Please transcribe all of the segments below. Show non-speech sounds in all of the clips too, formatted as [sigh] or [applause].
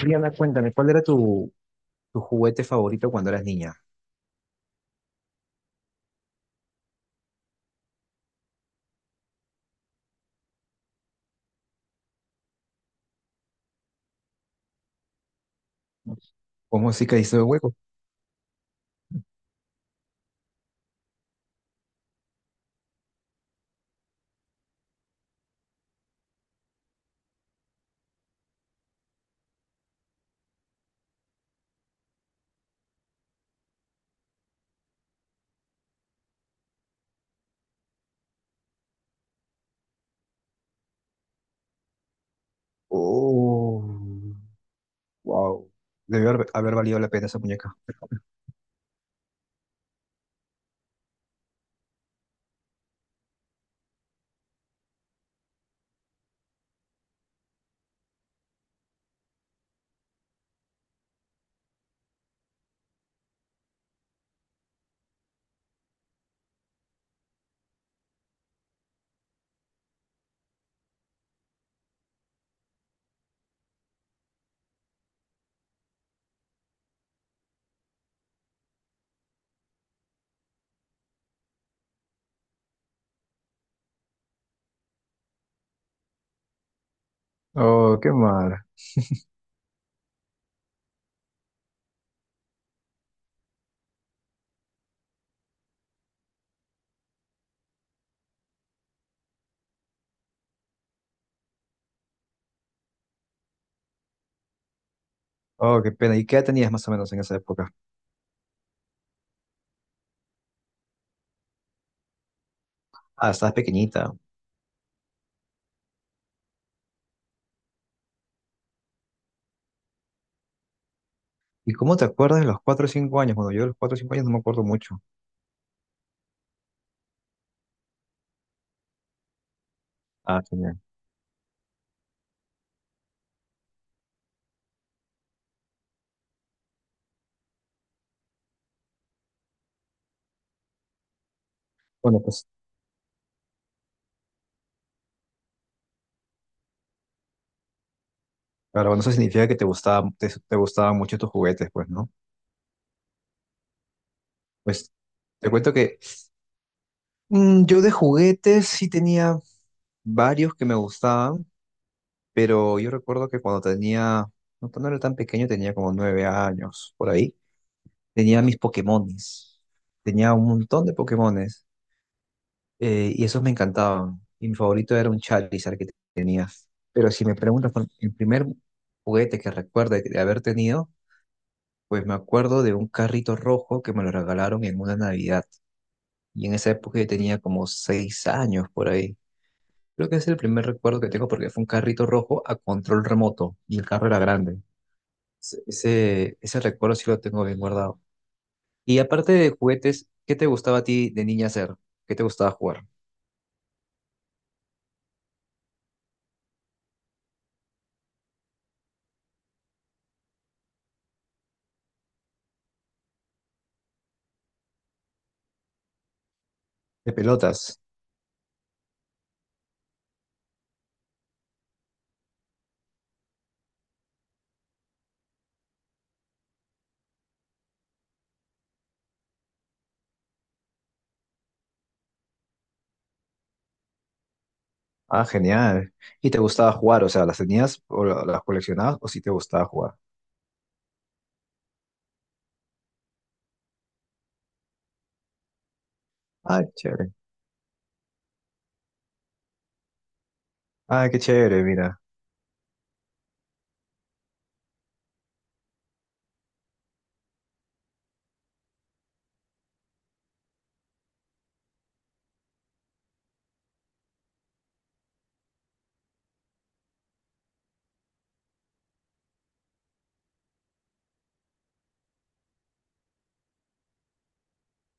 Rihanna, cuéntame, ¿cuál era tu juguete favorito cuando eras niña? ¿Cómo sí que hizo de hueco? Oh, wow. Debió haber valido la pena esa muñeca. Oh, qué mal. Oh, qué pena. ¿Y qué edad tenías más o menos en esa época? Ah, estabas pequeñita. ¿Y cómo te acuerdas de los 4 o 5 años? Bueno, yo de los 4 o 5 años no me acuerdo mucho. Ah, genial. Bueno, pues, claro, bueno, eso significa que te gustaba, te gustaban mucho tus juguetes, pues, ¿no? Pues, te cuento que yo de juguetes sí tenía varios que me gustaban. Pero yo recuerdo que cuando tenía, no, cuando era tan pequeño, tenía como 9 años, por ahí, tenía mis Pokémones. Tenía un montón de Pokémones, y esos me encantaban. Y mi favorito era un Charizard que tenía. Pero si me preguntas por el primer juguete que recuerdo de haber tenido, pues me acuerdo de un carrito rojo que me lo regalaron en una Navidad. Y en esa época yo tenía como 6 años por ahí. Creo que es el primer recuerdo que tengo porque fue un carrito rojo a control remoto y el carro era grande. Ese recuerdo sí lo tengo bien guardado. Y aparte de juguetes, ¿qué te gustaba a ti de niña hacer? ¿Qué te gustaba jugar? De pelotas. Ah, genial. ¿Y te gustaba jugar? O sea, ¿las tenías o las coleccionabas o si te gustaba jugar? Ah, chévere. Ah, qué chévere, mira.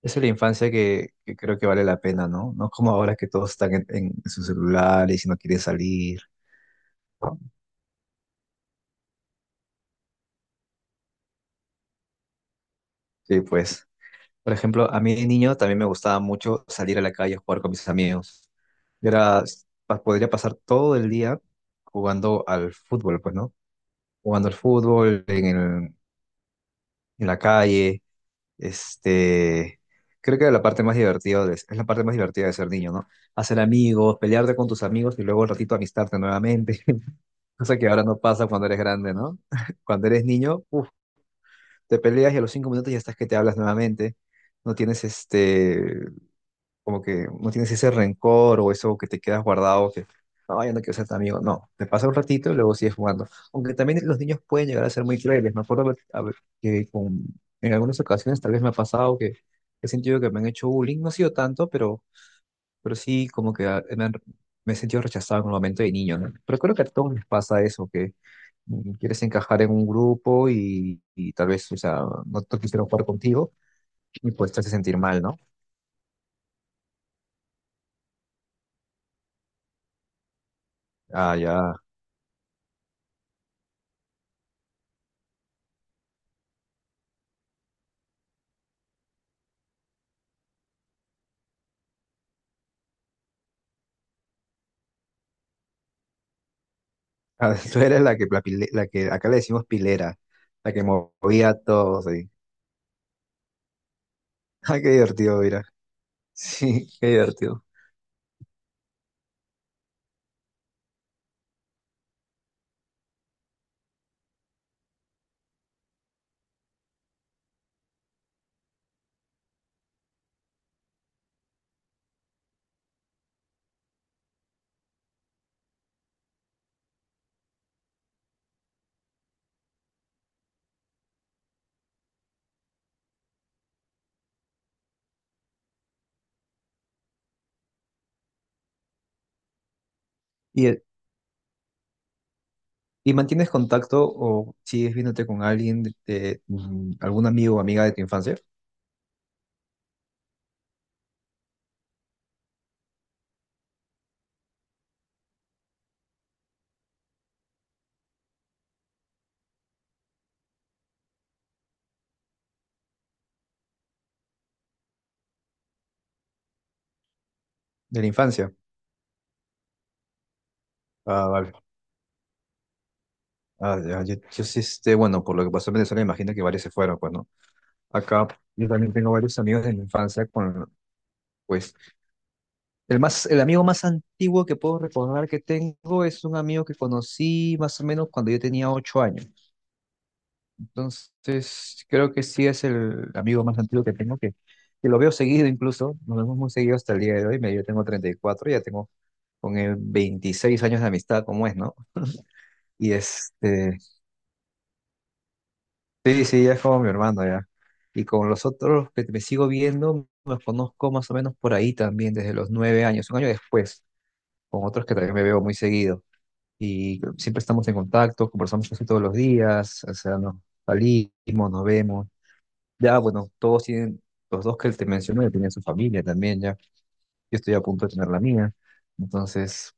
Esa es la infancia que creo que vale la pena, ¿no? No como ahora que todos están en sus celulares y si no quieren salir. ¿No? Sí, pues. Por ejemplo, a mí de niño también me gustaba mucho salir a la calle a jugar con mis amigos. Yo era, podría pasar todo el día jugando al fútbol, pues, ¿no? Jugando al fútbol en la calle. Este, creo que era la parte más divertida es la parte más divertida de ser niño, ¿no? Hacer amigos, pelearte con tus amigos y luego un ratito amistarte nuevamente. [laughs] Cosa que ahora no pasa cuando eres grande, ¿no? [laughs] Cuando eres niño, uf, te peleas y a los 5 minutos ya estás que te hablas nuevamente. No tienes este, como que no tienes ese rencor o eso que te quedas guardado, que no, yo no quiero ser tu amigo. No, te pasa un ratito y luego sigues jugando. Aunque también los niños pueden llegar a ser muy crueles. Me acuerdo que con- en algunas ocasiones tal vez me ha pasado que he sentido que me han hecho bullying. No ha sido tanto, pero sí como que ah, me he sentido rechazado en un momento de niño, ¿no? Pero creo que a todos les pasa eso, que quieres encajar en un grupo y tal vez, o sea, no te quisieron jugar contigo y pues te hace sentir mal, ¿no? Ah, ya. Ah, [laughs] tú eres la que, la, la que acá le decimos pilera, la que movía todo, sí. [laughs] Ah, qué divertido, mira. Sí, [laughs] qué divertido. ¿Y, y mantienes contacto o sigues viéndote con alguien de, algún amigo o amiga de tu infancia? De la infancia. Ah, vale. Ah, ya, yo sí, este, bueno, por lo que pasó en Venezuela, imagino que varios se fueron, pues, ¿no? Acá yo también tengo varios amigos de la infancia con, pues, el amigo más antiguo que puedo recordar que tengo es un amigo que conocí más o menos cuando yo tenía 8 años. Entonces, creo que sí es el amigo más antiguo que tengo, que lo veo seguido incluso, nos vemos muy seguido hasta el día de hoy, yo tengo 34, ya tengo con él 26 años de amistad, como es, ¿no? Y este, sí, sí, ya es como mi hermano, ya. Y con los otros que me sigo viendo, los conozco más o menos por ahí también, desde los 9 años, un año después, con otros que también me veo muy seguido. Y siempre estamos en contacto, conversamos casi todos los días, o sea, nos salimos, nos vemos. Ya, bueno, todos tienen, los dos que te mencioné tienen su familia también, ya. Yo estoy a punto de tener la mía. Entonces,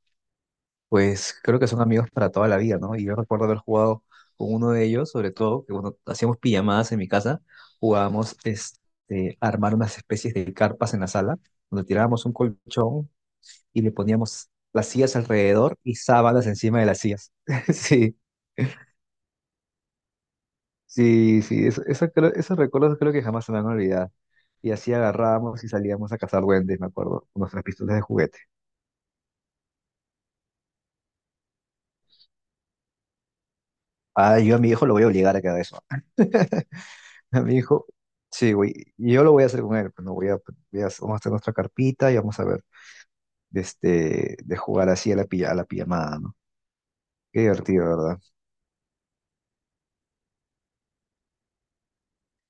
pues creo que son amigos para toda la vida, ¿no? Y yo recuerdo haber jugado con uno de ellos, sobre todo, que cuando hacíamos pijamadas en mi casa, jugábamos este, a armar unas especies de carpas en la sala, donde tirábamos un colchón y le poníamos las sillas alrededor y sábanas encima de las sillas. [laughs] Sí. Sí, sí, esos recuerdos creo que jamás se me van a olvidar. Y así agarrábamos y salíamos a cazar duendes, me acuerdo, con nuestras pistolas de juguete. Ah, yo a mi hijo lo voy a obligar a que haga eso. [laughs] A mi hijo, sí, güey, y yo lo voy a hacer con él, pues, no voy a, pues, vamos a hacer nuestra carpita y vamos a ver, de este, de jugar así a la, a la pijamada, ¿no? Qué divertido, ¿verdad?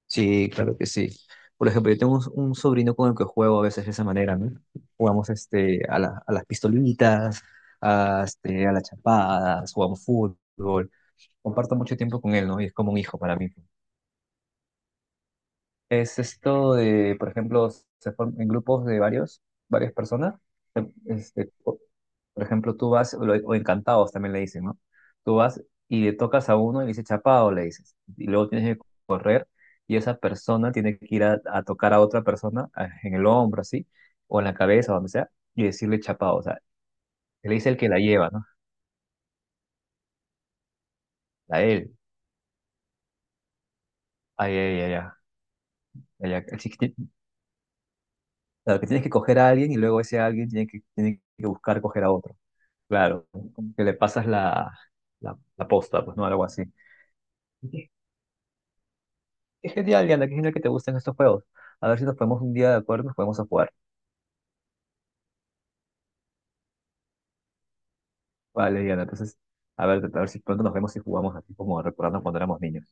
Sí, claro que sí. Por ejemplo, yo tengo un sobrino con el que juego a veces de esa manera, ¿no? Jugamos este, a, a las pistolitas, a, este, a las chapadas, jugamos fútbol. Comparto mucho tiempo con él, ¿no? Y es como un hijo para mí. Es esto de, por ejemplo, se forman en grupos de varias personas. Este, por ejemplo, tú vas, o encantados también le dicen, ¿no? Tú vas y le tocas a uno y le dices chapado, le dices. Y luego tienes que correr y esa persona tiene que ir a tocar a otra persona en el hombro, así, o en la cabeza, donde sea, y decirle chapado. O sea, le dice el que la lleva, ¿no? A él. Ay, ay, ay, ay. Ay, ay. Así que claro, que tienes que coger a alguien y luego ese alguien tiene que buscar coger a otro. Claro, como que le pasas la posta, pues no, algo así. Es genial, Diana, qué genial que te gusten estos juegos. A ver si nos ponemos un día de acuerdo y nos podemos a jugar. Vale, Diana, entonces, a ver si pronto nos vemos y jugamos así como recordando cuando éramos niños.